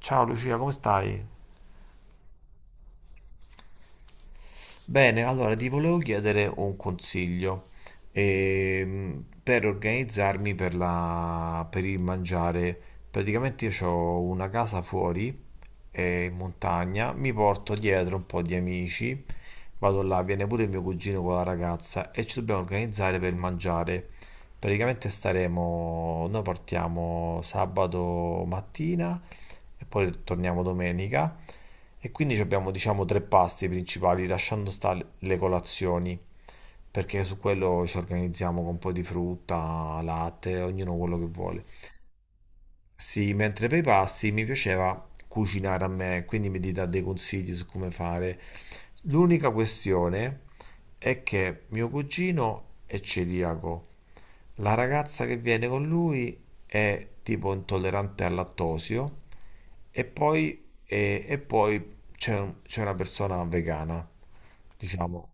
Ciao Lucia, come stai? Bene, allora ti volevo chiedere un consiglio per organizzarmi per il mangiare. Praticamente io ho una casa fuori, in montagna, mi porto dietro un po' di amici, vado là, viene pure il mio cugino con la ragazza e ci dobbiamo organizzare per mangiare. Praticamente staremo, noi partiamo sabato mattina e poi torniamo domenica. E quindi abbiamo diciamo tre pasti principali, lasciando stare le colazioni, perché su quello ci organizziamo con un po' di frutta, latte, ognuno quello che vuole. Sì, mentre per i pasti mi piaceva cucinare a me, quindi mi dà dei consigli su come fare. L'unica questione è che mio cugino è celiaco, la ragazza che viene con lui è tipo intollerante al lattosio e poi, e poi c'è c'è una persona vegana, diciamo,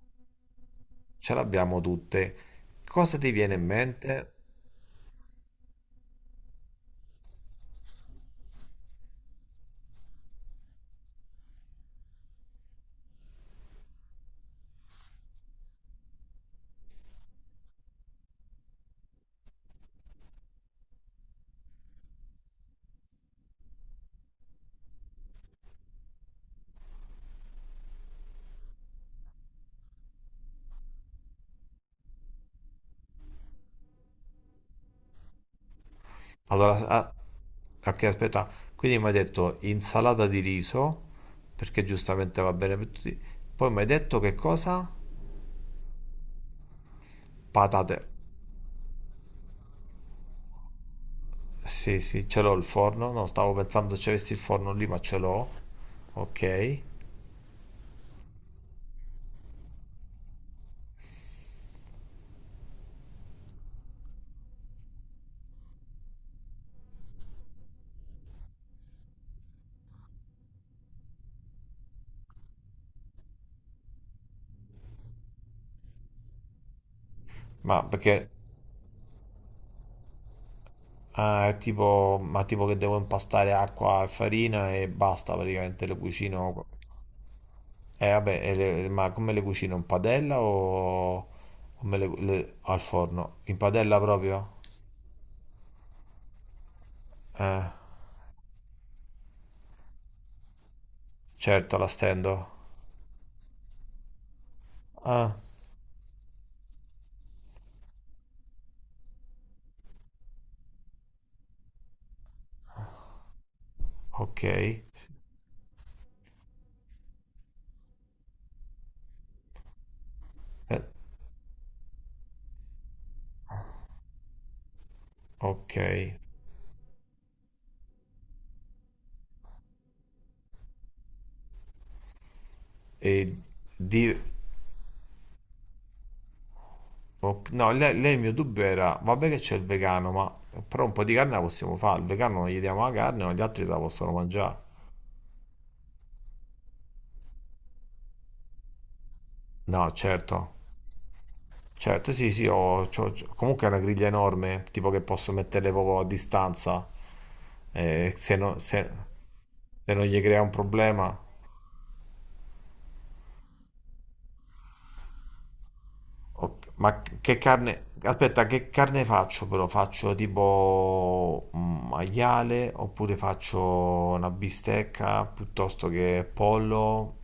ce l'abbiamo tutte. Cosa ti viene in mente? Allora, ah, ok, aspetta, quindi mi hai detto insalata di riso, perché giustamente va bene per tutti. Poi mi hai detto che cosa? Patate. Sì, sì, ce l'ho il forno, no, stavo pensando se avessi il forno lì, ma ce l'ho. Ok. Ma perché ah, è tipo, ma tipo che devo impastare acqua e farina e basta praticamente le cucino. Eh vabbè, ma come le cucino? In padella o, al forno? In padella proprio? Eh, certo, la stendo. Ah, ok. Eh, ok. E di, ok- no, lei il mio dubbio era, vabbè che c'è il vegano, ma però un po' di carne la possiamo fare. Il vegano non gli diamo la carne, ma gli altri se la possono mangiare. No, certo. Certo, sì, sì, comunque è una griglia enorme, tipo che posso metterle proprio a distanza, se, no- se- se non gli crea un problema. Ok, ma che carne, aspetta, che carne faccio però? Faccio tipo un maiale oppure faccio una bistecca piuttosto che pollo?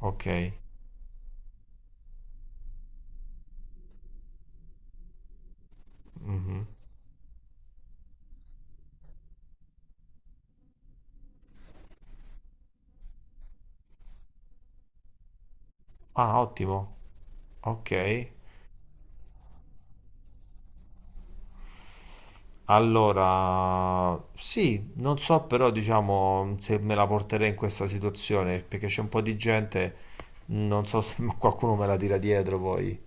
Ok. Mhm. Ah, ottimo. Ok. Allora, sì, non so però diciamo se me la porterei in questa situazione, perché c'è un po' di gente, non so se qualcuno me la tira dietro poi.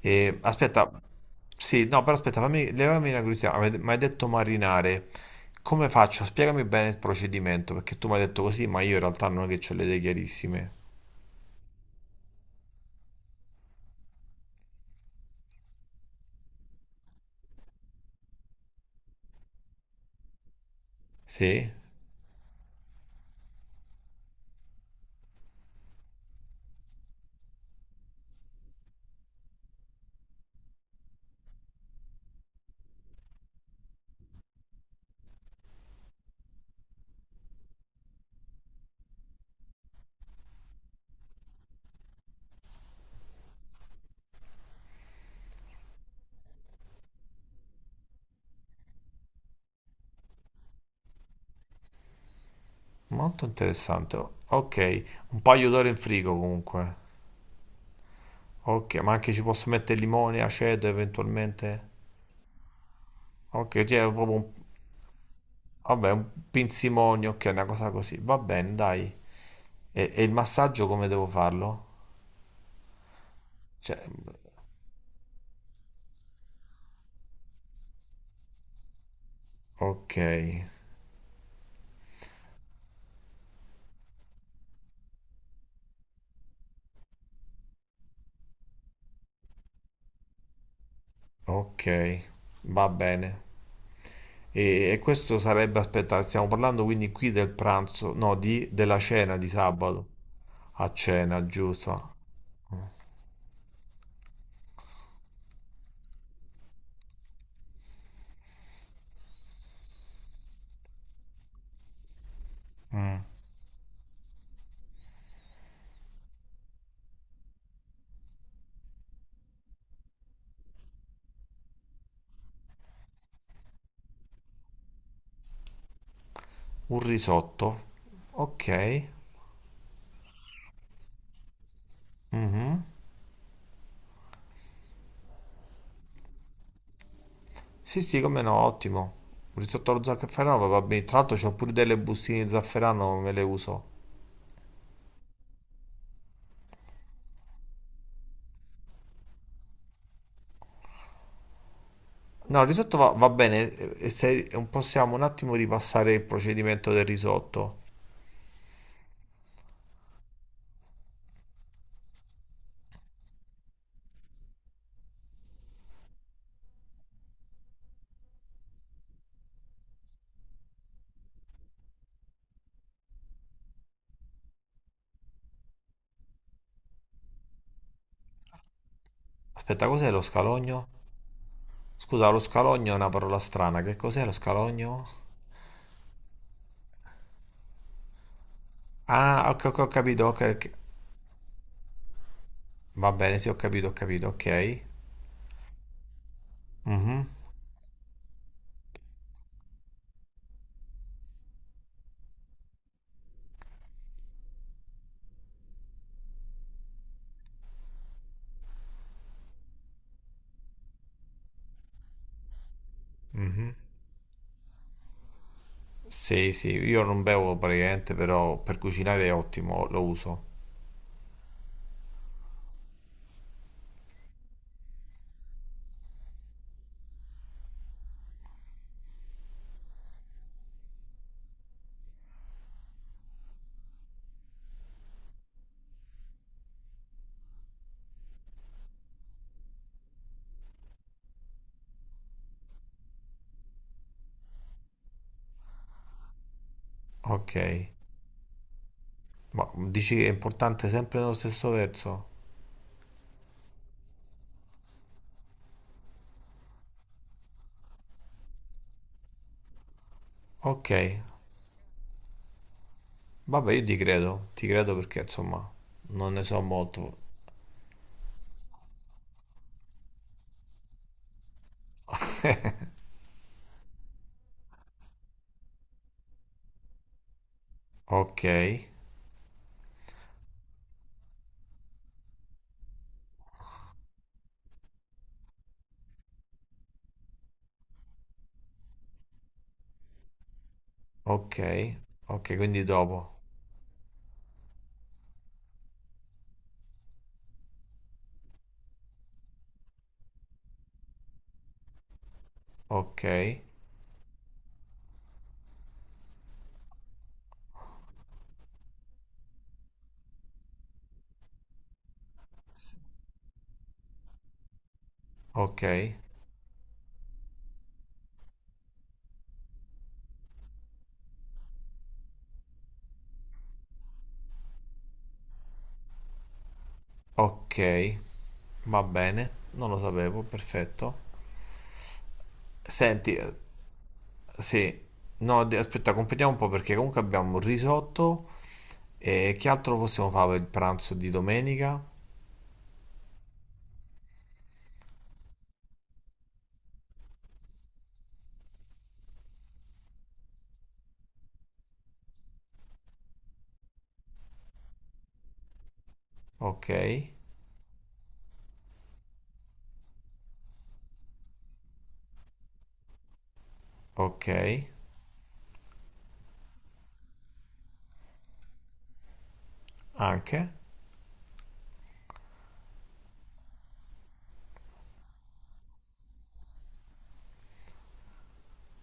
E, aspetta, sì, no, però aspetta, fammi, levami una curiosità. Mi hai detto marinare, come faccio? Spiegami bene il procedimento, perché tu mi hai detto così, ma io in realtà non è che ho le idee chiarissime. Sì? Molto interessante. Ok, un paio d'ore in frigo comunque. Ok, ma anche ci posso mettere limone, aceto eventualmente? Ok, cioè, vabbè, un pinzimonio, ok, una cosa così. Va bene, dai. E il massaggio come devo farlo? Cioè, ok, ok, va bene. E questo sarebbe, aspetta, stiamo parlando quindi qui del pranzo, no, di, della cena di sabato. A cena, giusto. Mm. Un risotto. Ok. Mhm. Sì, sì, come no, ottimo. Un risotto allo zafferano va bene. Tra l'altro c'ho pure delle bustine di zafferano, me le uso. No, il risotto va, va bene. E se possiamo un attimo ripassare il procedimento del risotto. Aspetta, cos'è lo scalogno? Scusa, lo scalogno è una parola strana. Che cos'è lo scalogno? Ah, ok, ok, ho capito. Ok, ok. Va bene, sì, ho capito, ok. Mhm, mhm. Sì, sì, io non bevo praticamente, però per cucinare è ottimo, lo uso. Ok. Ma dici è importante sempre nello stesso verso? Ok, vabbè, io ti credo perché insomma non ne so molto. Ok, ok, ok, quindi dopo. Ok, ok, ok, va bene, non lo sapevo, perfetto. Senti, sì, no, aspetta, completiamo un po' perché comunque abbiamo il risotto e che altro possiamo fare per il pranzo di domenica? Ok, ok, anche.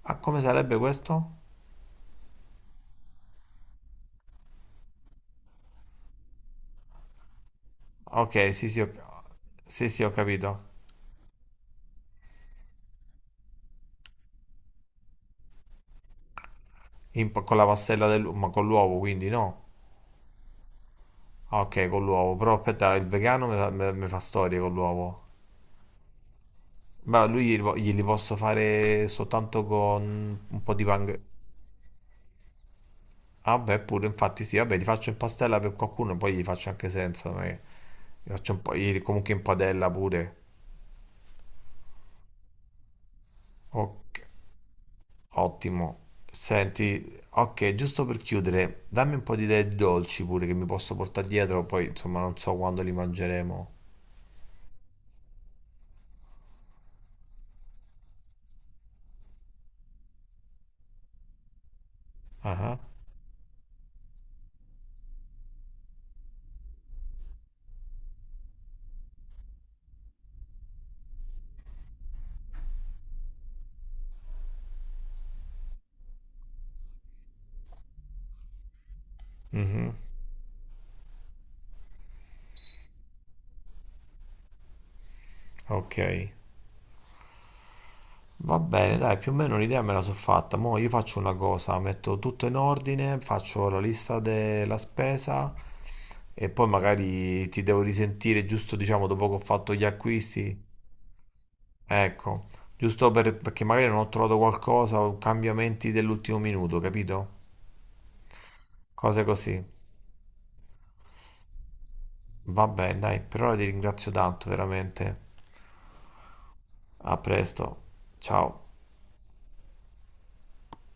Ah, come sarebbe questo? Ok, sì, sì, ho, sì, sì, ho capito. In- con la pastella dell'uovo, ma con l'uovo, quindi no. Ah, ok, con l'uovo, però aspetta, il vegano mi fa, me fa storie con l'uovo. Ma lui gli, po- glieli posso fare soltanto con un po' di pan... Ah, beh, pure, infatti sì, vabbè, li faccio in pastella per qualcuno, e poi li faccio anche senza, ma li faccio un po', gli- comunque in padella pure. Ok. Ottimo. Senti, ok, giusto per chiudere, dammi un po' di idee di dolci pure che mi posso portare dietro, poi insomma non so quando li mangeremo. Ah, ah. Mhm, ok. Va bene, dai, più o meno l'idea me la sono fatta. Mo' io faccio una cosa, metto tutto in ordine, faccio la lista della spesa e poi magari ti devo risentire giusto, diciamo, dopo che ho fatto gli acquisti. Ecco, perché magari non ho trovato qualcosa o cambiamenti dell'ultimo minuto, capito? Cose così. Vabbè, dai, per ora ti ringrazio tanto, veramente. A presto. Ciao.